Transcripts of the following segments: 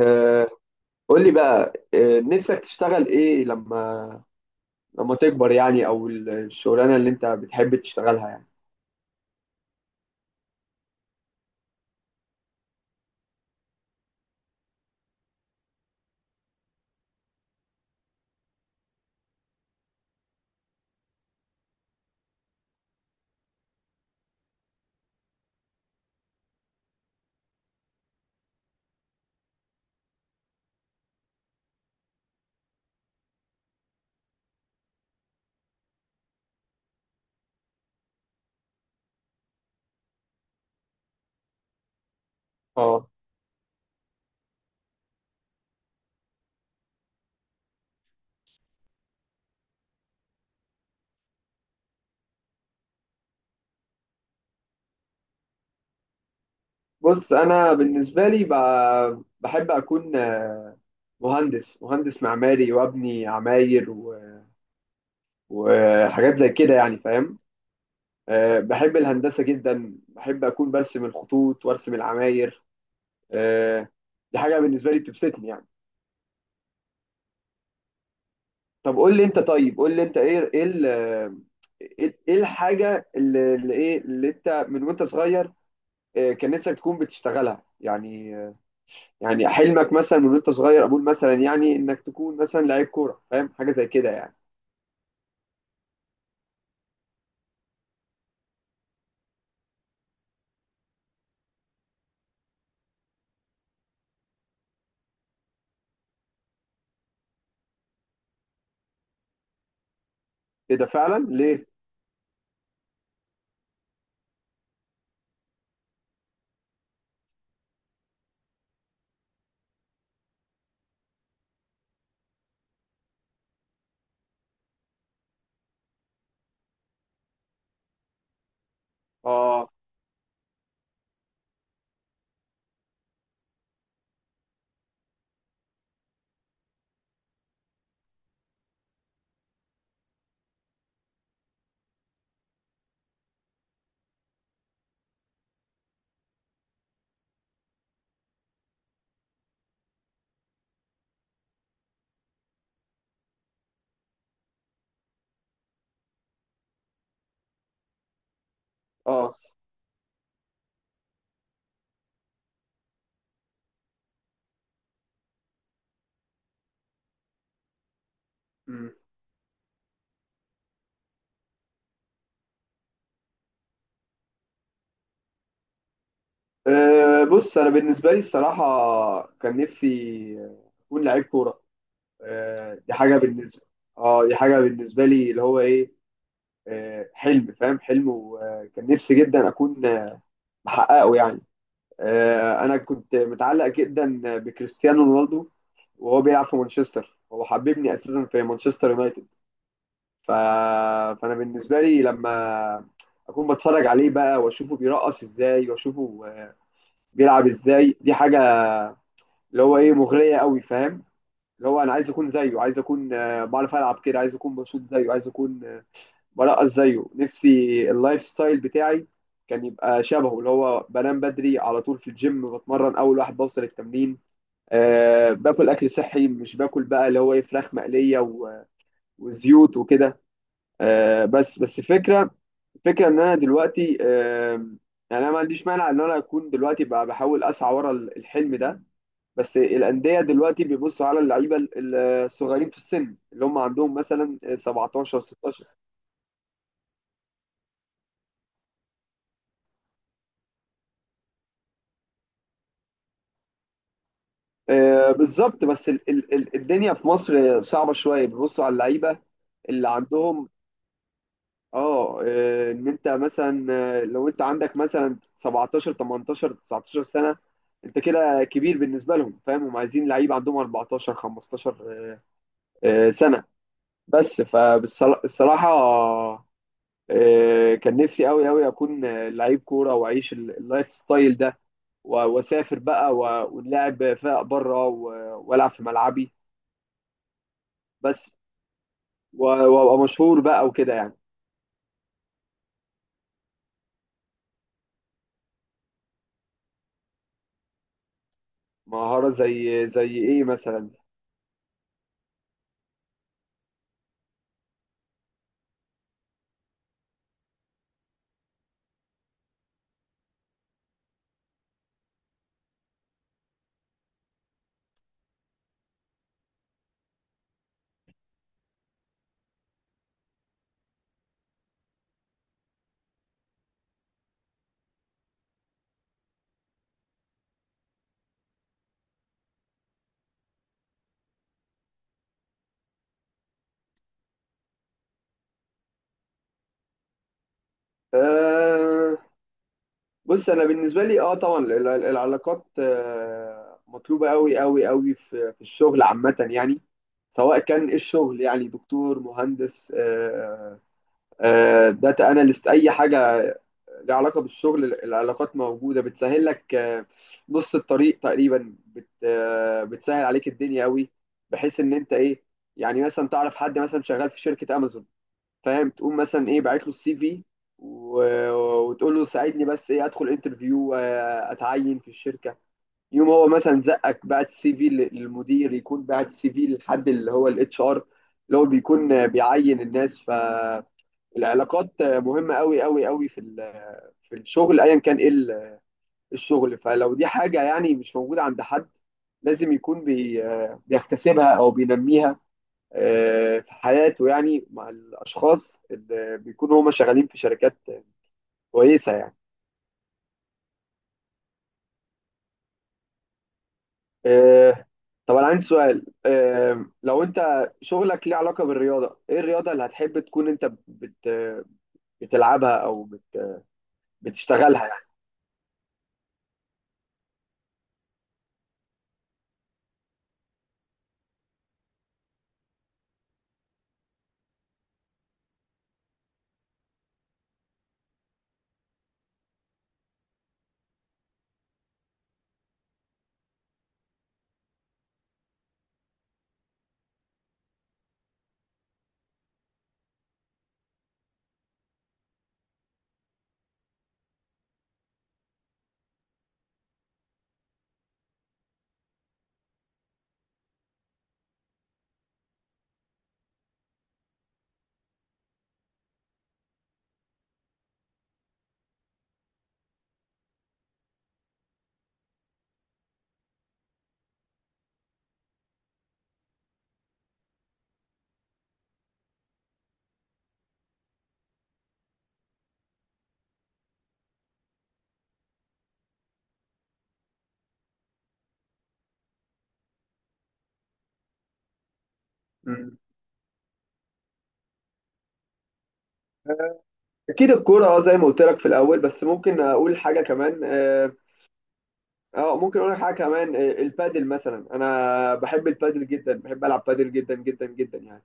آه، قول لي بقى، آه، نفسك تشتغل ايه لما لما تكبر يعني او الشغلانه اللي انت بتحب تشتغلها يعني؟ اه، بص انا بالنسبه لي بحب اكون مهندس معماري وابني عماير وحاجات زي كده يعني، فاهم؟ آه، بحب الهندسه جدا، بحب اكون برسم الخطوط وارسم العماير. آه، دي حاجه بالنسبه لي بتبسطني يعني. طب قول لي انت، طيب قول لي انت ايه الحاجه اللي اللي انت من وانت صغير آه، كان نفسك تكون بتشتغلها يعني، آه، يعني حلمك مثلا من وانت صغير، اقول مثلا يعني انك تكون مثلا لعيب كوره، فاهم؟ حاجه زي كده يعني. ايه ده فعلا؟ ليه؟ اه. اه. مم. آه، بص انا بالنسبه لي الصراحه، كان نفسي آه، اكون لعيب كوره. آه، دي حاجه بالنسبه، اه دي حاجه بالنسبه لي اللي هو ايه، آه، حلم، فاهم؟ حلم، وكان نفسي جدا اكون محققه يعني. آه، انا كنت متعلق جدا بكريستيانو رونالدو، وهو بيلعب في مانشستر. هو حببني اساسا في مانشستر يونايتد. ف... فانا بالنسبه لي لما اكون بتفرج عليه بقى واشوفه بيرقص ازاي واشوفه آه، بيلعب ازاي، دي حاجه اللي هو ايه مغريه قوي، فاهم؟ اللي هو انا عايز اكون زيه، عايز اكون آه، بعرف العب كده، عايز اكون بشوط زيه، عايز اكون آه، بلقط زيه. نفسي اللايف ستايل بتاعي كان يبقى شبهه، اللي هو بنام بدري، على طول في الجيم بتمرن، اول واحد بوصل التمرين، أه باكل اكل صحي، مش باكل بقى اللي هو ايه فراخ مقليه وزيوت وكده. أه بس بس الفكره، الفكره ان انا دلوقتي، أه يعني انا ما عنديش مانع ان انا اكون دلوقتي بقى بحاول اسعى ورا الحلم ده. بس الانديه دلوقتي بيبصوا على اللعيبه الصغيرين في السن، اللي هم عندهم مثلا 17، 16. آه، بالظبط، بس ال الدنيا في مصر صعبة شوية، بيبصوا على اللعيبة اللي عندهم، اه آه، ان انت مثلا آه، لو انت عندك مثلا 17، 18، 19 سنة، انت كده كبير بالنسبة لهم، فاهم؟ هم عايزين لعيبة عندهم 14، 15 آه، آه، سنة. بس فبالصراحة كان نفسي قوي قوي اكون آه، لعيب كورة واعيش اللايف ستايل ده، واسافر بقى ونلعب فرق بره والعب في ملعبي، بس وابقى مشهور بقى وكده يعني. مهارة زي زي ايه مثلا؟ آه، بص انا بالنسبة لي، اه طبعا العلاقات آه مطلوبة قوي قوي قوي في في الشغل عامة يعني، سواء كان إيه الشغل، يعني دكتور، مهندس، آه آه داتا اناليست، اي حاجة ليها علاقة بالشغل. العلاقات موجودة بتسهل لك آه نص الطريق تقريبا، آه بتسهل عليك الدنيا قوي، بحيث ان انت ايه، يعني مثلا تعرف حد مثلا شغال في شركة امازون، فاهم؟ تقوم مثلا ايه باعت له السي في، و- وتقول له ساعدني بس ايه ادخل انترفيو، آه، اتعين في الشركه. يوم هو مثلا زقك بعت السي في للمدير، يكون بعت السي في للحد اللي هو الاتش ار، اللي هو بيكون آه، بيعين الناس. فالعلاقات آه، مهمه قوي قوي قوي في آه، في الشغل ايا كان ايه الشغل. فلو دي حاجه يعني مش موجوده عند حد، لازم يكون آه، بيكتسبها او بينميها آه، في حياته، يعني مع الاشخاص اللي بيكونوا هما شغالين في شركات كويسه يعني. آه، طب انا عندي سؤال، آه، لو انت شغلك ليه علاقه بالرياضه، ايه الرياضه اللي هتحب تكون انت بت بتلعبها او بت بتشتغلها يعني؟ مم. آه، اكيد الكوره، اه، زي ما قلت لك في الاول، بس ممكن اقول حاجه كمان، اه آه، ممكن اقول لك حاجه كمان، آه، البادل مثلا. انا بحب البادل جدا، بحب العب بادل جدا جدا جدا يعني.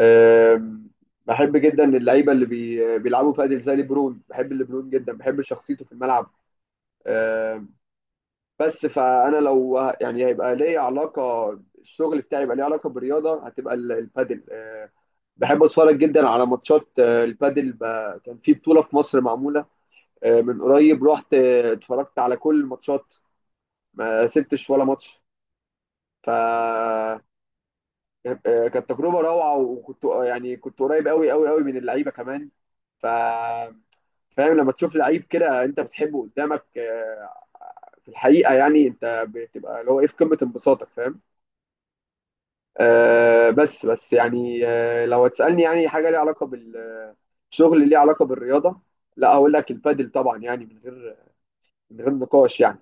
أم، بحب جدا اللعيبه اللي بيلعبوا بادل زي ليبرون. بحب ليبرون جدا، بحب شخصيته في الملعب. أم، بس فانا لو يعني هيبقى ليا علاقه، الشغل بتاعي يبقى ليه علاقه بالرياضه، هتبقى البادل. أه، بحب اتفرج جدا على ماتشات أه، البادل، كان في بطوله في مصر معموله أه، من قريب، رحت أه، اتفرجت على كل الماتشات، ما سبتش ولا ماتش. ف آه، كانت تجربه روعه، وكنت يعني كنت قريب قوي قوي قوي من اللعيبه كمان. ف فاهم لما تشوف لعيب كده انت بتحبه قدامك، آه، في الحقيقه يعني انت بتبقى اللي هو ايه في قمه انبساطك، فاهم؟ آه بس بس يعني آه لو هتسالني يعني حاجه ليها علاقه بالشغل، ليها علاقه بالرياضه، لا اقول لك البادل طبعا، يعني من غير من غير نقاش يعني.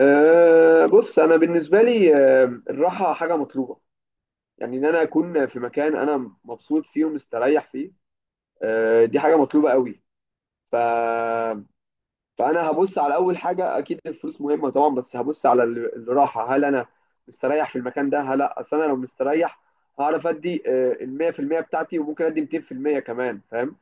آه بص انا بالنسبه لي آه الراحه حاجه مطلوبه، يعني ان انا اكون في مكان انا مبسوط فيه ومستريح فيه، آه دي حاجه مطلوبه قوي. ف فانا هبص على اول حاجه، اكيد الفلوس مهمه طبعا، بس هبص على الراحه. هل انا مستريح في المكان ده هل لا، اصل انا لو مستريح هعرف ادي آه، ال 100% بتاعتي، وممكن ادي 200% كمان، فاهم؟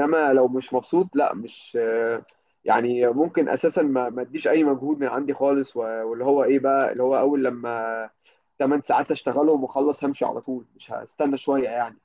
انما لو مش مبسوط لا، مش آه، يعني ممكن اساسا ما اديش اي مجهود من عندي خالص، واللي هو ايه بقى اللي هو اول لما 8 ساعات اشتغلهم واخلص همشي على طول، مش هستنى شويه يعني.